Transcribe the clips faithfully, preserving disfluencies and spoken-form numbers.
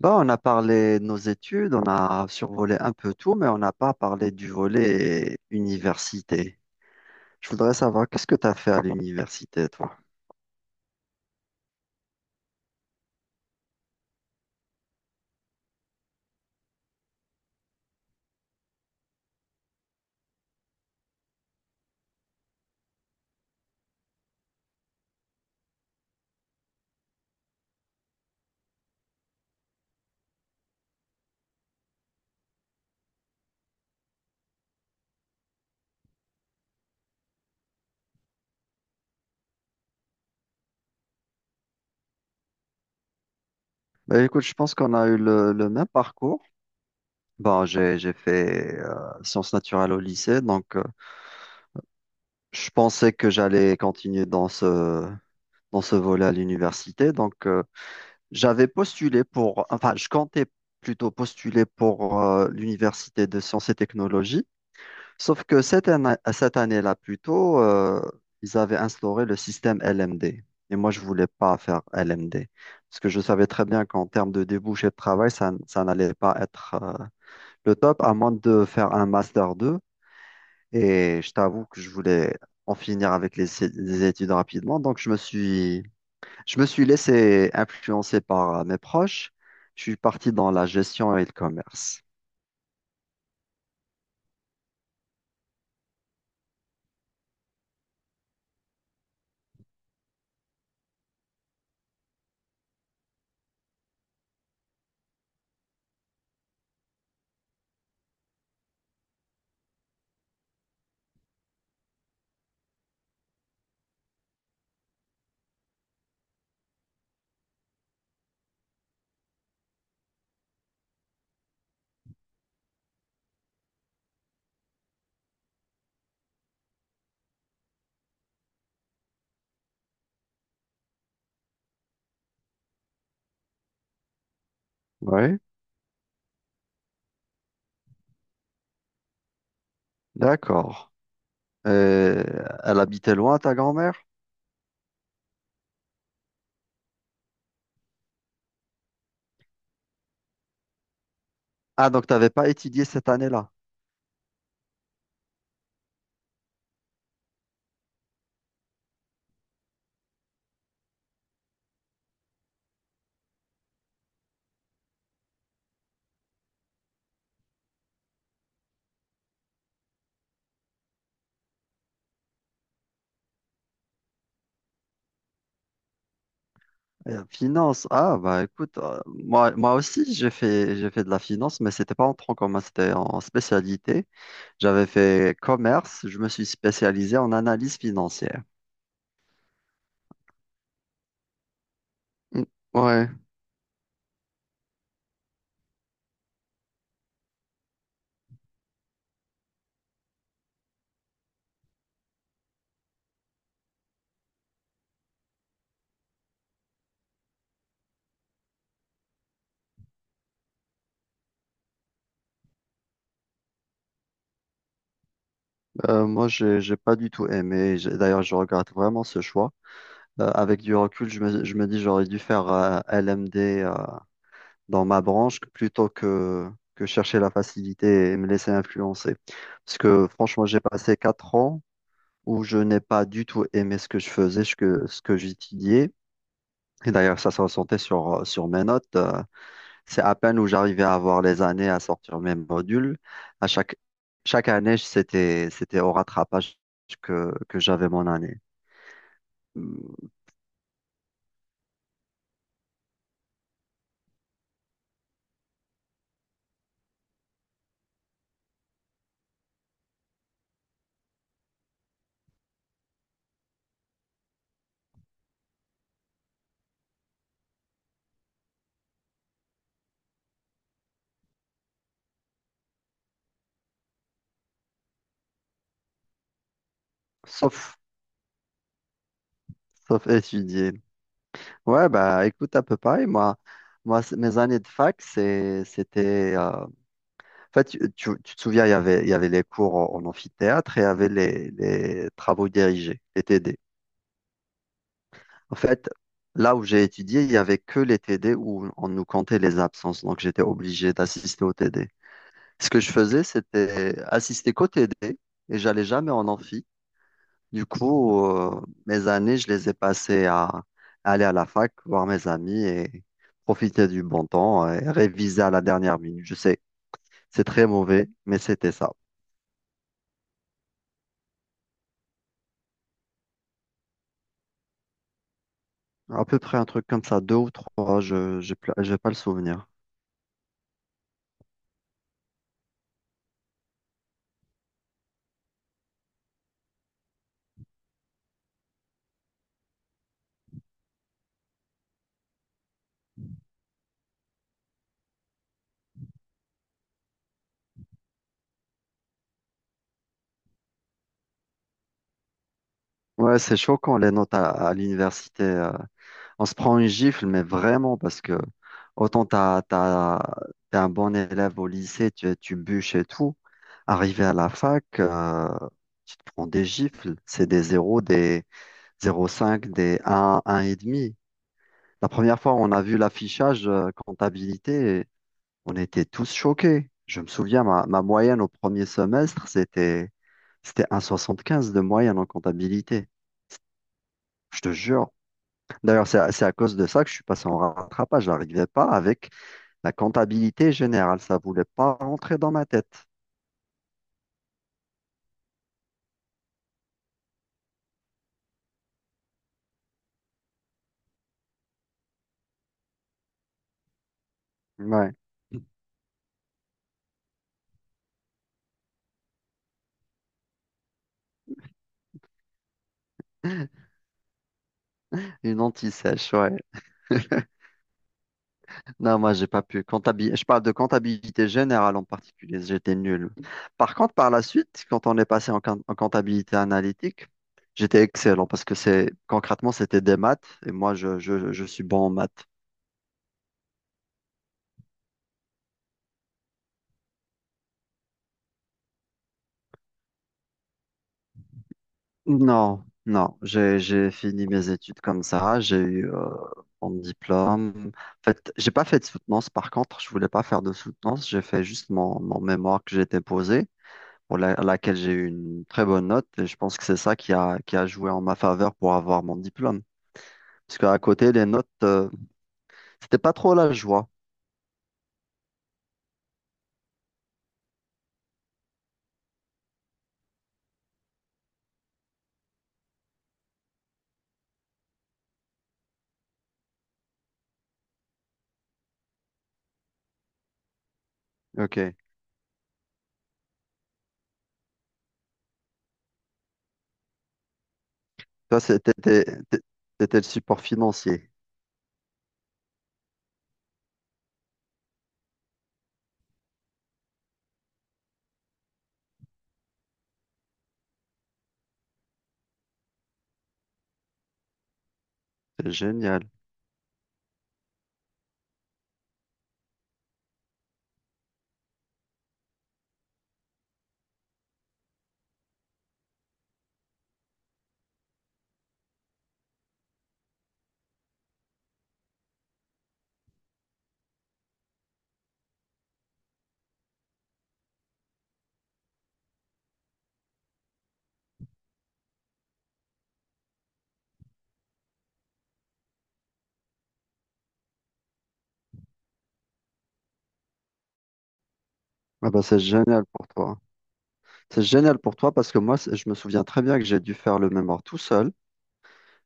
Bah, on a parlé de nos études, on a survolé un peu tout, mais on n'a pas parlé du volet université. Je voudrais savoir, qu'est-ce que tu as fait à l'université, toi? Bah, écoute, je pense qu'on a eu le, le même parcours. Bon, j'ai, j'ai fait euh, sciences naturelles au lycée, donc euh, je pensais que j'allais continuer dans ce, dans ce volet à l'université. Donc, euh, J'avais postulé pour, enfin, je comptais plutôt postuler pour euh, l'Université de sciences et technologies, sauf que cette année, cette année-là, plutôt, euh, ils avaient instauré le système L M D. Et moi, je voulais pas faire L M D, parce que je savais très bien qu'en termes de débouchés de travail, ça, n- ça n'allait pas être euh, le top, à moins de faire un Master deux. Et je t'avoue que je voulais en finir avec les, les études rapidement, donc je me suis je me suis laissé influencer par euh, mes proches. Je suis parti dans la gestion et le commerce. Oui, d'accord. Euh, Elle habitait loin, ta grand-mère? Ah, donc tu n'avais pas étudié cette année-là. Euh, finance. Ah, bah écoute, euh, moi, moi aussi, j'ai fait, j'ai fait de la finance, mais c'était pas en tronc commun, c'était en spécialité. J'avais fait commerce, je me suis spécialisé en analyse financière. Mm, ouais, euh, moi, j'ai, j'ai pas du tout aimé. J'ai- D'ailleurs, je regrette vraiment ce choix. Euh, avec du recul, je me, je me dis j'aurais dû faire euh, L M D euh, dans ma branche plutôt que, que chercher la facilité et me laisser influencer. Parce que franchement, j'ai passé quatre ans où je n'ai pas du tout aimé ce que je faisais, ce que, ce que j'étudiais. Et d'ailleurs, ça se ressentait sur, euh, sur mes notes. Euh, C'est à peine où j'arrivais à avoir les années à sortir mes modules. À chaque, Chaque année, c'était, c'était au rattrapage que, que j'avais mon année. Hum, Sauf, sauf étudier. Ouais, bah écoute, à peu près. Moi, moi c- mes années de fac, c'est, c'était. euh, En fait, tu, tu- tu te souviens, il y avait, il y avait les cours en, en amphithéâtre et il y avait les, les travaux dirigés, les T D. En fait, là où j'ai étudié, il n'y avait que les T D où on nous comptait les absences. Donc, j'étais obligé d'assister aux T D. Ce que je faisais, c'était assister qu'aux T D et j'allais jamais en amphi. Du coup, euh, mes années, je les ai passées à, à aller à la fac, voir mes amis et profiter du bon temps et réviser à la dernière minute. Je sais, c'est très mauvais, mais c'était ça. À peu près un truc comme ça, deux ou trois, je n'ai pas le souvenir. Ouais, c'est choquant les notes à, à l'université. Euh, on se prend une gifle, mais vraiment, parce que autant t'as, t'as- t'es un bon élève au lycée, tu, tu bûches et tout. Arrivé à la fac, euh, tu te prends des gifles. C'est des zéros des zéro virgule cinq des un, un virgule cinq. La première fois, on a vu l'affichage euh, comptabilité, et on était tous choqués. Je me souviens, ma, ma moyenne au premier semestre, c'était, c'était un soixante quinze de moyenne en comptabilité. Je te jure. D'ailleurs, c'est à, c'est à cause de ça que je suis passé en rattrapage. Je n'arrivais pas avec la comptabilité générale, ça voulait pas rentrer dans ma tête. Ouais. Une anti-sèche, ouais. Non, moi, j'ai pas pu. Comptabil- je parle de comptabilité générale en particulier, j'étais nul. Par contre, par la suite, quand on est passé en, quin- en comptabilité analytique, j'étais excellent parce que c'est concrètement, c'était des maths et moi, je, je, je suis bon en maths. Non, non, j'ai j'ai fini mes études comme ça, j'ai eu euh, mon diplôme. En fait, j'ai pas fait de soutenance par contre, je voulais pas faire de soutenance, j'ai fait juste mon, mon mémoire que j'ai déposé, pour la- à laquelle j'ai eu une très bonne note, et je pense que c'est ça qui a, qui a joué en ma faveur pour avoir mon diplôme. Parce qu'à côté, les notes, euh, c'était pas trop la joie. Ok, toi, c'était t'étais t'étais le support financier. C'est génial. Ah bah, c'est génial pour toi. C'est génial pour toi parce que moi, c'est- je me souviens très bien que j'ai dû faire le mémoire tout seul.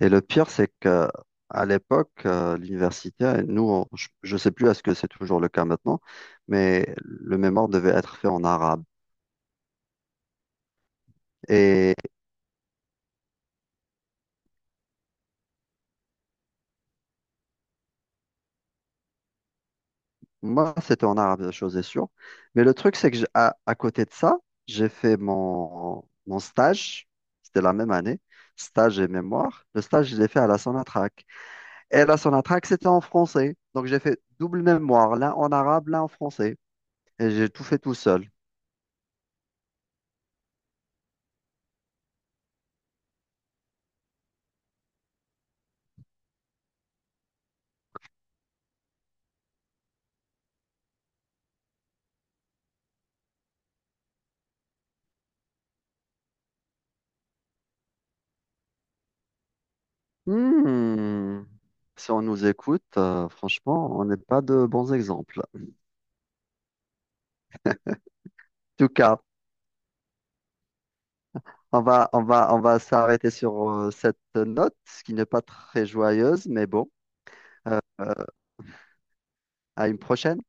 Et le pire, c'est que à l'époque, euh, l'université, euh, nous, on- je ne sais plus à ce que c'est toujours le cas maintenant, mais le mémoire devait être fait en arabe. Et moi, c'était en arabe, chose est sûre. Mais le truc, c'est que j'ai- à, à côté de ça, j'ai fait mon, mon stage. C'était la même année, stage et mémoire. Le stage, je l'ai fait à la Sonatrach. Et la Sonatrach, c'était en français. Donc, j'ai fait double mémoire, l'un en arabe, l'un en français. Et j'ai tout fait tout seul. Hmm. Si on nous écoute, euh, franchement, on n'est pas de bons exemples. En tout cas, on va, on va, on va s'arrêter sur euh, cette note ce qui n'est pas très joyeuse, mais bon, euh, à une prochaine.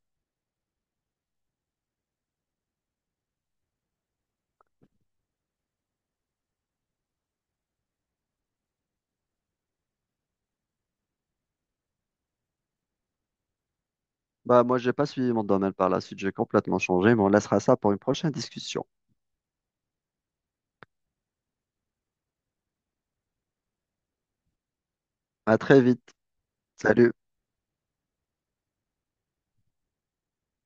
Bah, moi, j'ai pas suivi mon domaine par la suite, j'ai complètement changé, mais on laissera ça pour une prochaine discussion. À très vite. Salut.